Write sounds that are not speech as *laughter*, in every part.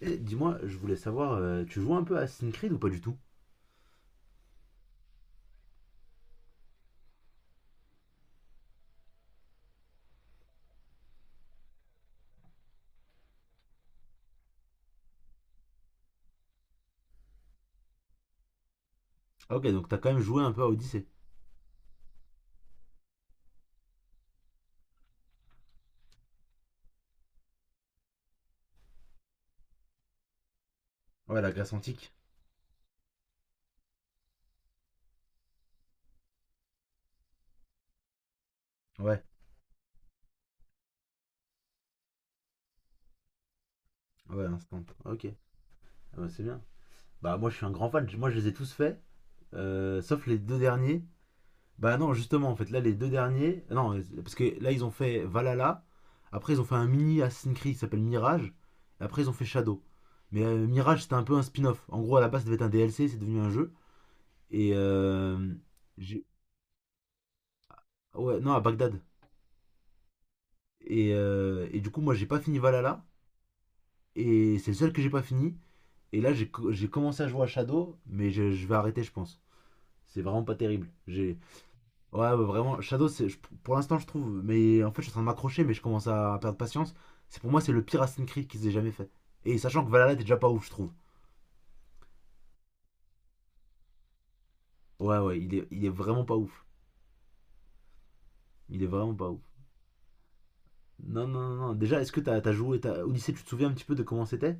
Et dis-moi, je voulais savoir, tu joues un peu à Assassin's Creed ou pas du tout. Ok, donc t'as quand même joué un peu à Odyssey. Ouais, la Grèce antique. Ouais, ouais, instant. Ok, ah bah, c'est bien. Bah moi je suis un grand fan, moi je les ai tous faits, sauf les deux derniers. Bah non, justement, en fait, là les deux derniers, non, parce que là ils ont fait Valhalla, après ils ont fait un mini Assassin's Creed qui s'appelle Mirage, et après ils ont fait Shadow. Mais Mirage c'était un peu un spin-off. En gros, à la base ça devait être un DLC, c'est devenu un jeu. Et j'ai- ouais, non, à Bagdad. Et du coup, moi, j'ai pas fini Valhalla. Et c'est le seul que j'ai pas fini. Et là, j'ai commencé à jouer à Shadow, mais je vais arrêter, je pense. C'est vraiment pas terrible. J'ai ouais, ouais, vraiment Shadow, pour l'instant, je trouve. Mais en fait, je suis en train de m'accrocher, mais je commence à perdre patience. C'est le pire Assassin's Creed qu'ils aient jamais fait. Et sachant que Valhalla était déjà pas ouf, je trouve. Ouais, ouais, il est vraiment pas ouf. Il est vraiment pas ouf. Non, non, non, non. Déjà, est-ce que t'as as joué t'as- Odyssey, tu te souviens un petit peu de comment c'était?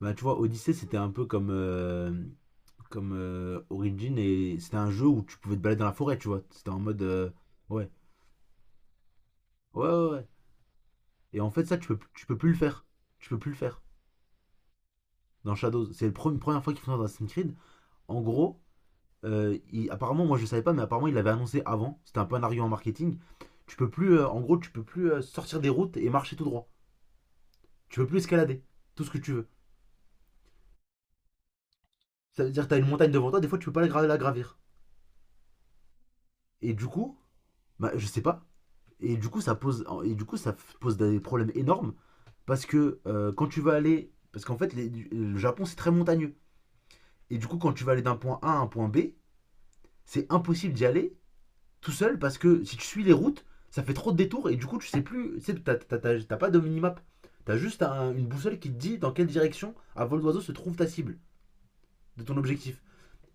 Bah, tu vois, Odyssey, c'était un peu comme, comme Origin, et c'était un jeu où tu pouvais te balader dans la forêt, tu vois. C'était en mode ouais, ouais, ouais, ouais. Et en fait, ça, tu peux plus le faire. Tu peux plus le faire dans Shadows. C'est la première fois qu'ils font ça dans Assassin's Creed. En gros, apparemment, moi je savais pas, mais apparemment, il l'avait annoncé avant. C'était un peu un argument marketing. Tu peux plus, en gros, tu peux plus sortir des routes et marcher tout droit. Tu peux plus escalader tout ce que tu veux. Ça veut dire que t'as une montagne devant toi, des fois, tu peux pas la, gra- la gravir. Et du coup, bah, je sais pas. Et du coup, et du coup, pose des problèmes énormes. Parce que quand tu vas aller. Parce qu'en fait, le Japon, c'est très montagneux. Et du coup, quand tu vas aller d'un point A à un point B, c'est impossible d'y aller tout seul parce que si tu suis les routes, ça fait trop de détours et du coup, tu sais plus. Tu sais, t'as pas de minimap. T'as juste une boussole qui te dit dans quelle direction, à vol d'oiseau, se trouve ta cible de ton objectif.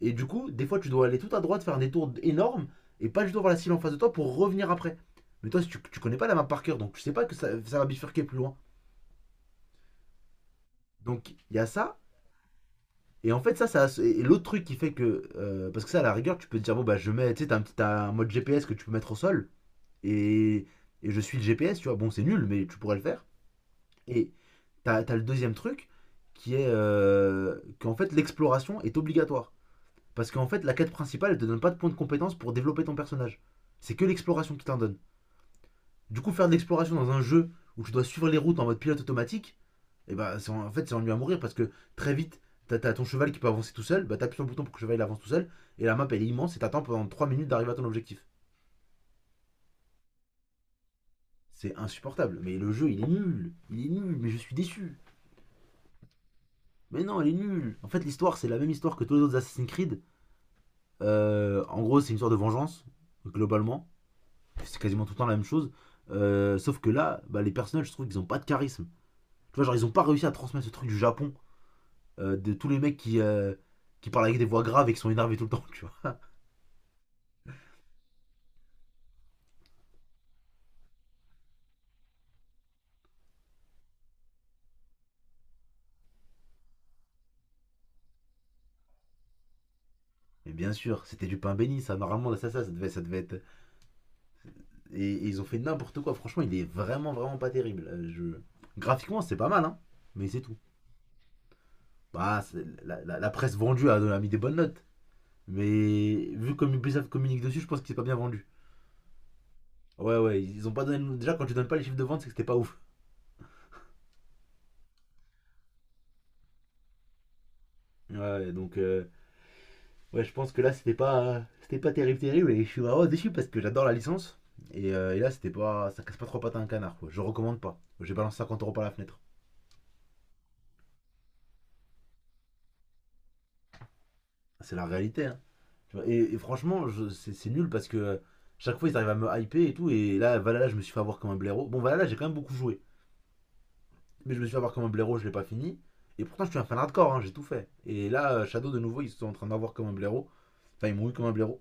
Et du coup, des fois, tu dois aller tout à droite, faire un détour énorme et pas juste voir la cible en face de toi pour revenir après. Mais toi, si tu connais pas la map par cœur, donc tu sais pas que ça va bifurquer plus loin. Donc, il y a ça. Et en fait, ça et l'autre truc qui fait que parce que ça, à la rigueur, tu peux te dire, bon, bah, je mets. Tu sais, t'as un mode GPS que tu peux mettre au sol. Et, et je suis le GPS, tu vois. Bon, c'est nul, mais tu pourrais le faire. Et t'as le deuxième truc qui est qu'en fait, l'exploration est obligatoire. Parce qu'en fait, la quête principale, elle te donne pas de points de compétence pour développer ton personnage. C'est que l'exploration qui t'en donne. Du coup, faire de l'exploration dans un jeu où tu dois suivre les routes en mode pilote automatique, et bah en fait c'est ennuyeux à mourir parce que très vite t'as ton cheval qui peut avancer tout seul, bah t'appuies sur le bouton pour que le cheval il avance tout seul, et la map elle est immense et t'attends pendant 3 minutes d'arriver à ton objectif. C'est insupportable, mais le jeu il est nul, mais je suis déçu. Mais non, elle est nulle. En fait, l'histoire, c'est la même histoire que tous les autres Assassin's Creed. En gros, c'est une histoire de vengeance, globalement. C'est quasiment tout le temps la même chose. Sauf que là, bah, les personnages, je trouve qu'ils ont pas de charisme. Tu vois, genre, ils ont pas réussi à transmettre ce truc du Japon, de tous les mecs qui parlent avec des voix graves et qui sont énervés tout le temps, tu vois. Mais bien sûr, c'était du pain béni, ça. Normalement, ça devait être. Et ils ont fait n'importe quoi. Franchement, vraiment pas terrible. Graphiquement, c'est pas mal, hein. Mais c'est tout. Bah, la presse vendue a mis des bonnes notes. Mais vu comme Ubisoft communique dessus, je pense que c'est pas bien vendu. Ouais, ouais, ils ont pas donné. Déjà, quand tu donnes pas les chiffres de vente, c'est que c'était pas ouf. Ouais, ouais, donc ouais, je pense que là, c'était pas terrible, terrible. Et je suis vraiment déçu parce que j'adore la licence. Et là, c'était pas. Ça casse pas trois pattes à un canard, quoi. Je recommande pas. J'ai balancé 50 euros par la fenêtre. C'est la réalité, hein. Et franchement, c'est nul parce que chaque fois ils arrivent à me hyper et tout. Et là, Valhalla, je me suis fait avoir comme un blaireau. Bon, Valhalla, j'ai quand même beaucoup joué. Mais je me suis fait avoir comme un blaireau, je l'ai pas fini. Et pourtant, je suis un fan hardcore, hein, j'ai tout fait. Et là, Shadow, de nouveau, ils sont en train d'avoir comme un blaireau. Enfin, ils m'ont eu comme un blaireau.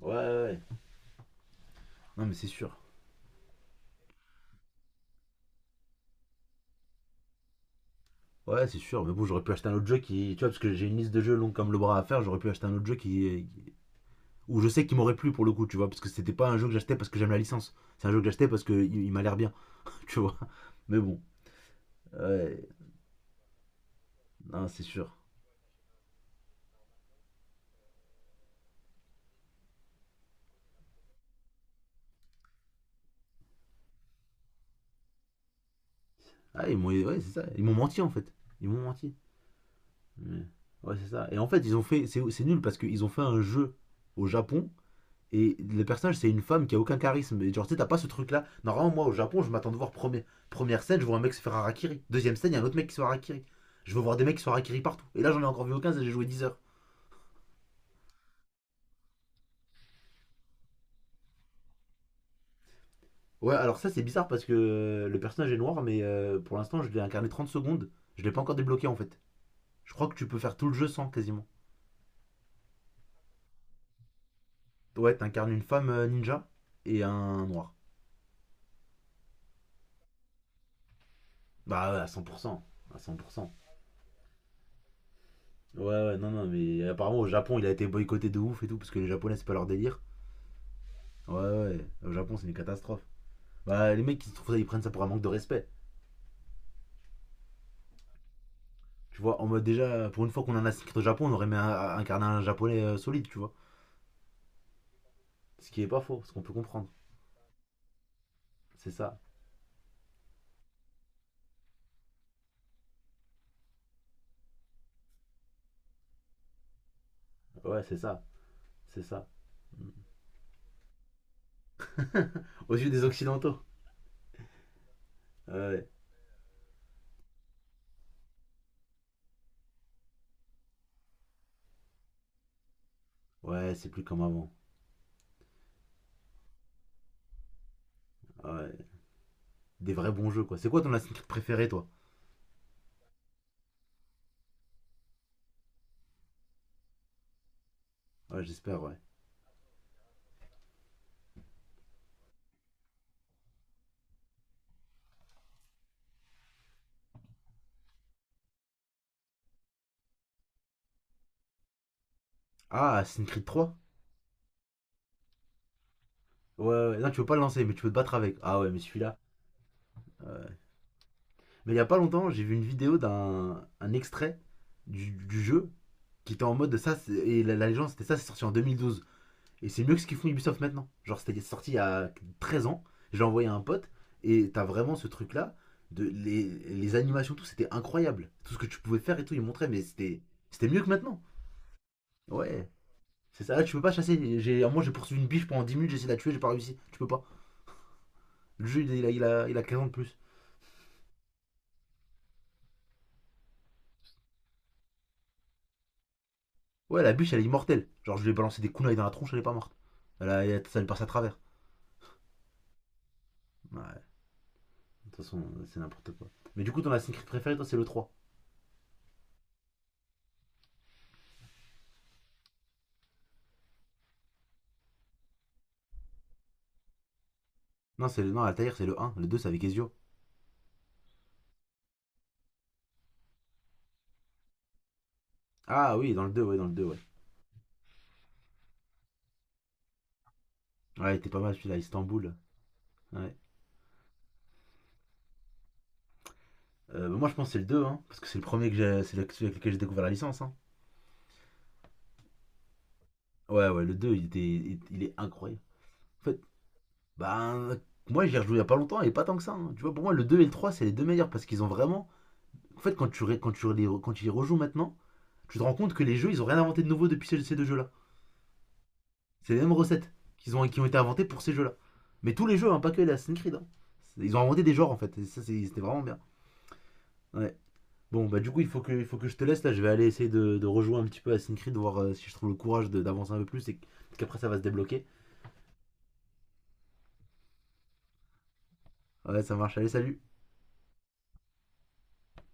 Ouais, ouais, ouais. Non, mais c'est sûr. Ouais, c'est sûr. Mais bon, j'aurais pu acheter un autre jeu qui. Tu vois, parce que j'ai une liste de jeux longue comme le bras à faire, j'aurais pu acheter un autre jeu qui. Où je sais qu'il m'aurait plu pour le coup, tu vois. Parce que c'était pas un jeu que j'achetais parce que j'aime la licence. C'est un jeu que j'achetais parce qu'il m'a l'air bien, *laughs* tu vois. Mais bon. Ouais, non, c'est sûr. Ah, ouais, c'est ça. Ils m'ont menti en fait. Ils m'ont menti. Mais- Ouais, c'est ça. Et en fait, ils ont fait. C'est nul parce qu'ils ont fait un jeu au Japon et le personnage, c'est une femme qui a aucun charisme. Et genre, tu sais, t'as pas ce truc là. Normalement, moi au Japon, je m'attends de voir premier, première scène, je vois un mec se faire harakiri. Deuxième scène, il y a un autre mec qui se fait harakiri. Je veux voir des mecs qui se font harakiri partout. Et là, j'en ai encore vu aucun, et j'ai joué 10 heures. Ouais, alors ça, c'est bizarre parce que le personnage est noir, mais pour l'instant, je l'ai incarné 30 secondes. Je l'ai pas encore débloqué en fait. Je crois que tu peux faire tout le jeu sans quasiment. Ouais, t'incarnes une femme ninja et un noir. Bah ouais, à 100%. À 100%. Ouais, ouais, non, non, mais apparemment au Japon, il a été boycotté de ouf et tout, parce que les Japonais, c'est pas leur délire. Ouais, ouais, au Japon, c'est une catastrophe. Bah, les mecs, qui se trouvent ça, ils prennent ça pour un manque de respect. Tu vois, en mode déjà, pour une fois qu'on en a six au Japon, on aurait mis un carnet japonais solide, tu vois. Ce qui est pas faux, ce qu'on peut comprendre. C'est ça. Ouais, c'est ça. C'est ça. *laughs* Aux yeux des Occidentaux. Ouais. Ouais, ouais, c'est plus comme avant. Ouais. Des vrais bons jeux, quoi. C'est quoi ton Assassin's Creed préféré, toi? Ouais, j'espère, ouais. Ah, Assassin's Creed 3. Ouais, ouais, ouais. Non, tu peux pas le lancer, mais tu peux te battre avec. Ah ouais, mais celui-là. euh, Mais il y a pas longtemps, j'ai vu une vidéo d'un extrait du jeu qui était en mode de et la légende c'était ça, c'est sorti en 2012. Et c'est mieux que ce qu'ils font Ubisoft maintenant. Genre, c'était sorti il y a 13 ans, j'ai envoyé à un pote, et t'as vraiment ce truc-là, de les animations, tout, c'était incroyable. Tout ce que tu pouvais faire et tout, ils montraient, mais c'était mieux que maintenant. Ouais, c'est ça, là, tu peux pas chasser. J'ai poursuivi une biche pendant 10 minutes, j'ai essayé de la tuer, j'ai pas réussi. Tu peux pas. Le jeu, il a 15 ans de plus. Ouais, la biche, elle est immortelle. Genre, je lui ai balancé des kunai dans la tronche, elle est pas morte. Ça lui passe à travers. Ouais, de toute façon, c'est n'importe quoi. Mais du coup, ton Assassin's Creed préféré, toi, c'est le 3. Non, Altair, c'est le un. Le 2, c'est avec Ezio. Ah oui, dans le 2, ouais, dans le 2, ouais. Ouais, il était pas mal celui-là, Istanbul. Ouais. Bah, moi, je pense que c'est le 2, hein. Parce que c'est le premier que j'ai, celui avec lequel j'ai découvert la licence, hein. Ouais, ouais, le 2, il est incroyable. En fait, bah, moi, j'ai ai rejoué il y a pas longtemps et pas tant que ça, hein. Tu vois, pour moi, le 2 et le 3, c'est les deux meilleurs parce qu'ils ont vraiment. En fait, quand tu y rejoues maintenant, tu te rends compte que les jeux, ils ont rien inventé de nouveau depuis ces, deux jeux-là. C'est les mêmes recettes qui ont été inventées pour ces jeux-là. Mais tous les jeux, hein, pas que les Assassin's Creed, hein. Ils ont inventé des genres en fait, et ça c'était vraiment bien. Ouais. Bon, bah du coup, il faut que je te laisse là, je vais aller essayer de rejouer un petit peu à Assassin's Creed, voir si je trouve le courage d'avancer un peu plus et qu'après ça va se débloquer. Ouais, ça marche, allez, salut!